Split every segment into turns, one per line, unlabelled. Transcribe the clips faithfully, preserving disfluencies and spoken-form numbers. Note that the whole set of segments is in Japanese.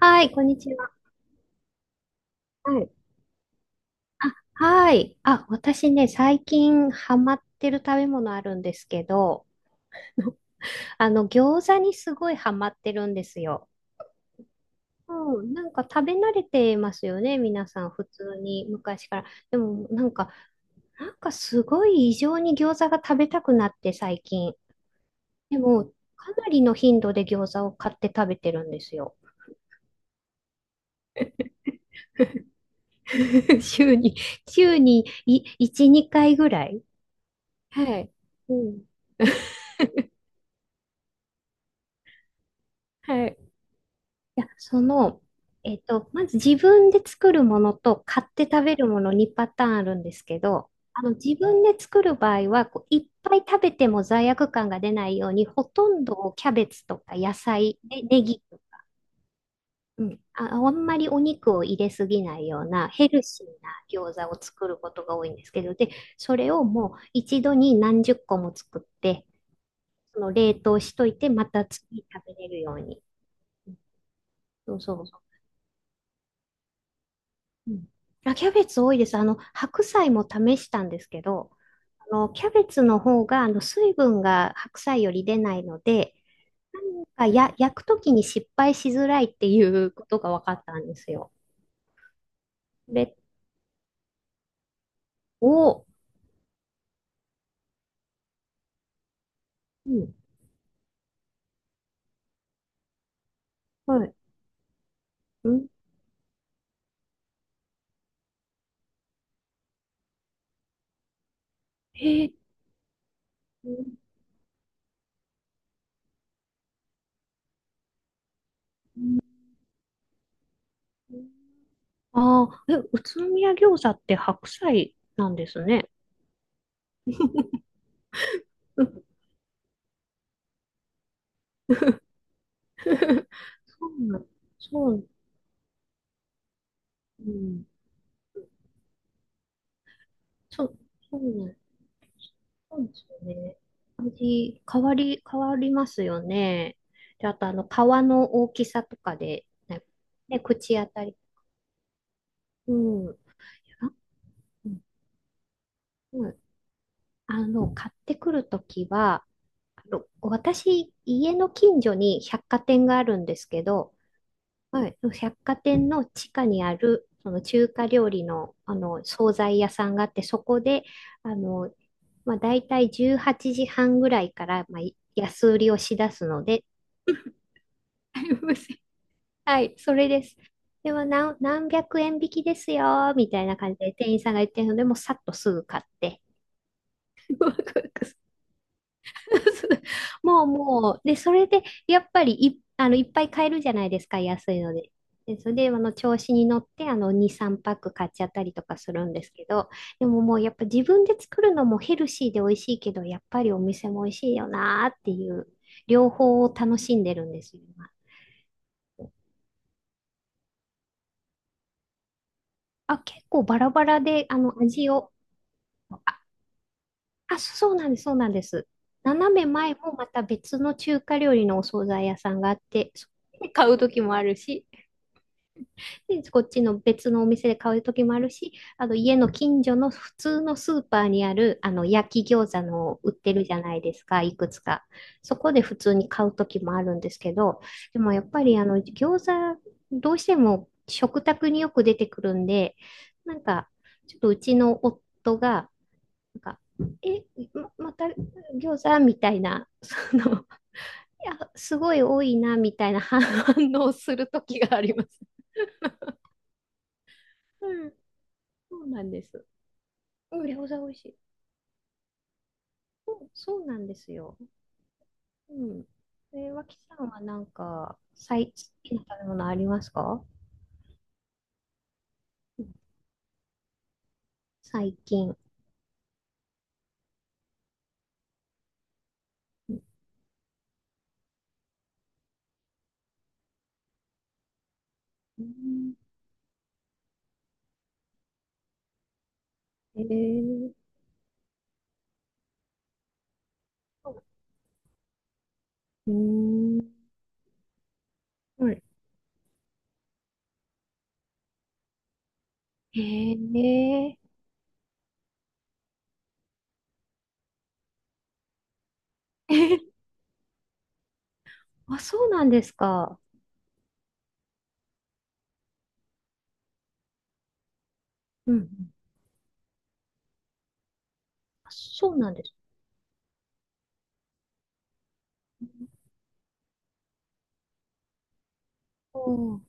あ、はい、こんにちは。はい。あ、はい。あ、私ね、最近ハマってる食べ物あるんですけど、あの、餃子にすごいハマってるんですよ。うん、なんか食べ慣れてますよね、皆さん、普通に、昔から。でも、なんか、なんかすごい異常に餃子が食べたくなって、最近。でも、かなりの頻度で餃子を買って食べてるんですよ。週に、週にいいち、にかいぐらい。はい。うん。はい。いや、その、えっと、まず自分で作るものと買って食べるものにパターンあるんですけど、あの自分で作る場合はこう、いっぱい食べても罪悪感が出ないように、ほとんどをキャベツとか野菜、ね、ネギ、うん、あ、あんまりお肉を入れすぎないようなヘルシーな餃子を作ることが多いんですけど、で、それをもう一度に何十個も作って、その冷凍しといて、また次食べれるように。そうそう。うん。あ、キャベツ多いです。あの、白菜も試したんですけど、あの、キャベツの方が、あの、水分が白菜より出ないので、なんかや、焼くときに失敗しづらいっていうことが分かったんですよ。で、お、うん、はい、うん、へえ、ああー、え、宇都宮餃子って白菜なんですね。うん。 そうなん、そう、うん、そ、そうなんそうですよね。味、変わり、変わりますよね。で、あと、あの、皮の大きさとかで、ね、ね口当たり。うん。あ、うん。あの、買ってくるときは、あの私、家の近所に百貨店があるんですけど、はい、百貨店の地下にある、その中華料理の、あの、惣菜屋さんがあって、そこで、あの、まあ、大体じゅうはちじはんぐらいから、まあ、い安売りをしだすので、はい、それです。では何、何百円引きですよ、みたいな感じで店員さんが言ってるので、もうさっとすぐ買って。もうもう、で、それで、やっぱりい、あの、いっぱい買えるじゃないですか、安いので。で、それで、あの、調子に乗って、あの、に、さんパック買っちゃったりとかするんですけど、でももう、やっぱ自分で作るのもヘルシーで美味しいけど、やっぱりお店も美味しいよなーっていう、両方を楽しんでるんですよ、今。あ、結構バラバラで、あの、味を。あ、そそうなんです、そうなんです。斜め前もまた別の中華料理のお惣菜屋さんがあって、そこで買う時もあるし、で、こっちの別のお店で買う時もあるし、あと家の近所の普通のスーパーにある、あの、焼き餃子の売ってるじゃないですか、いくつか。そこで普通に買う時もあるんですけど、でもやっぱりあの、餃子、どうしても食卓によく出てくるんで、なんか、ちょっとうちの夫が、なんか、え、ま、また餃子みたいな、その、いや、すごい多いな、みたいな 反反応する時があります。うん、そうなんです。うん、餃子美味しい。そう、そうなんですよ。うん。え、脇さんはなんか、最近の食べ物ありますか？うん。最近。うん、えー、うん、はい。えー、えー、あ、そうなんですか。うんうん。あ、そうなんです。うん。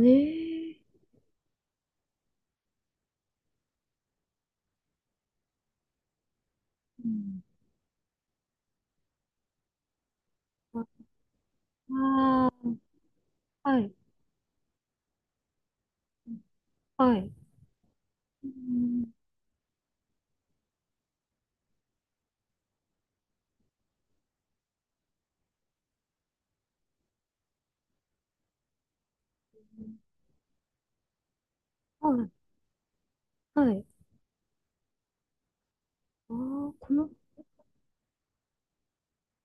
ええ。うん。ああ。はい、はい。うん、はい、はい。ああ、この、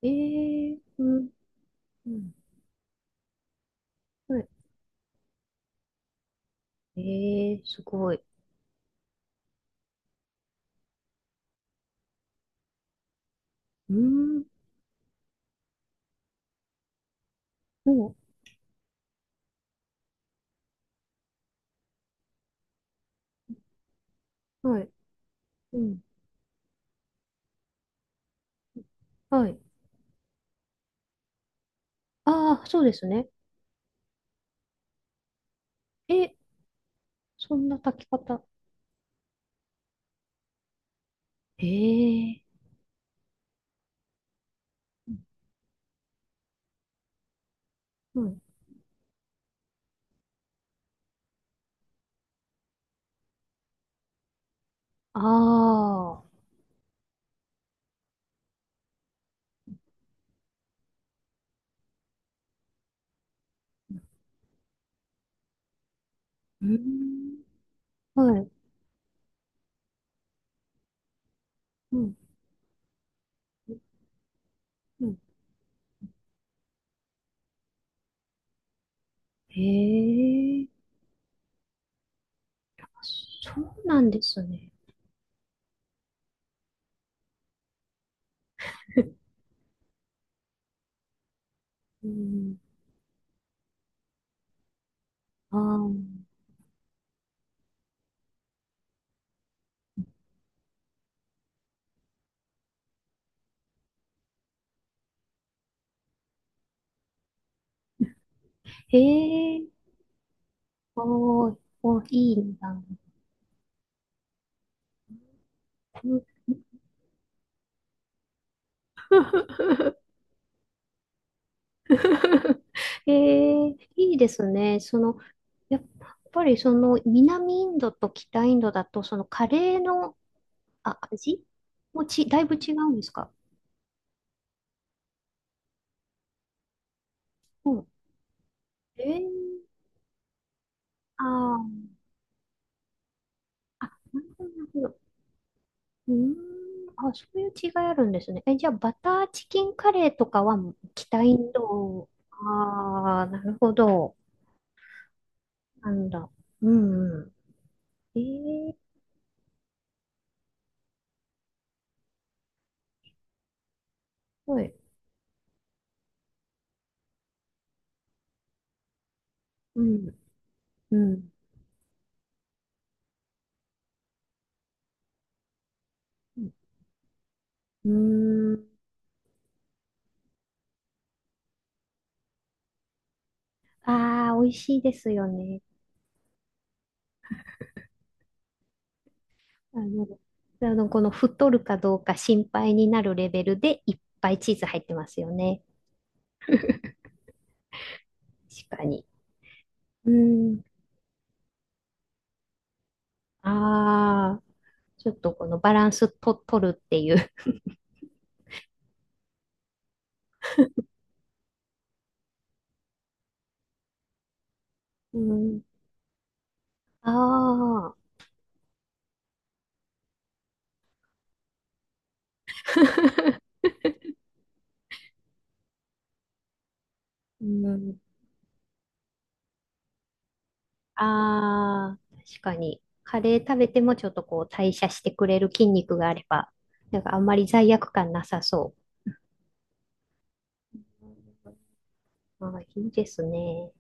ええ。うん、うん、はい。ええ、すごい。うん、もう。はい、うん、はい。ああ、そうですね。え、そんな炊き方。ええ。うん。ああ、うん、はい、うん、うん。ええ、そうなんですね。うん、ああ。へえ、おー、おー、いいねな。うん。 へえ、いいですね。その、やっぱりその南インドと北インドだと、そのカレーの、あ、味もち、だいぶ違うんですか？うん。ええ、ああ、なるほど、なるほど。うーん、あ、そういう違いあるんですね。え、じゃあ、バターチキンカレーとかは北インド、ああ、なるほど。なんだ。うん、うん。ええ。はい。うん、うん。うん。ああー、美味しいですよね。あの、あの、この太るかどうか心配になるレベルでいっぱいチーズ入ってますよね。確かに。うん。ああ、ちょっとこのバランスと、取るっていう。うん。ああ。うん。ああ、確かに。カレー食べてもちょっとこう代謝してくれる筋肉があれば、なんかあんまり罪悪感なさそう。ああ、いいですね。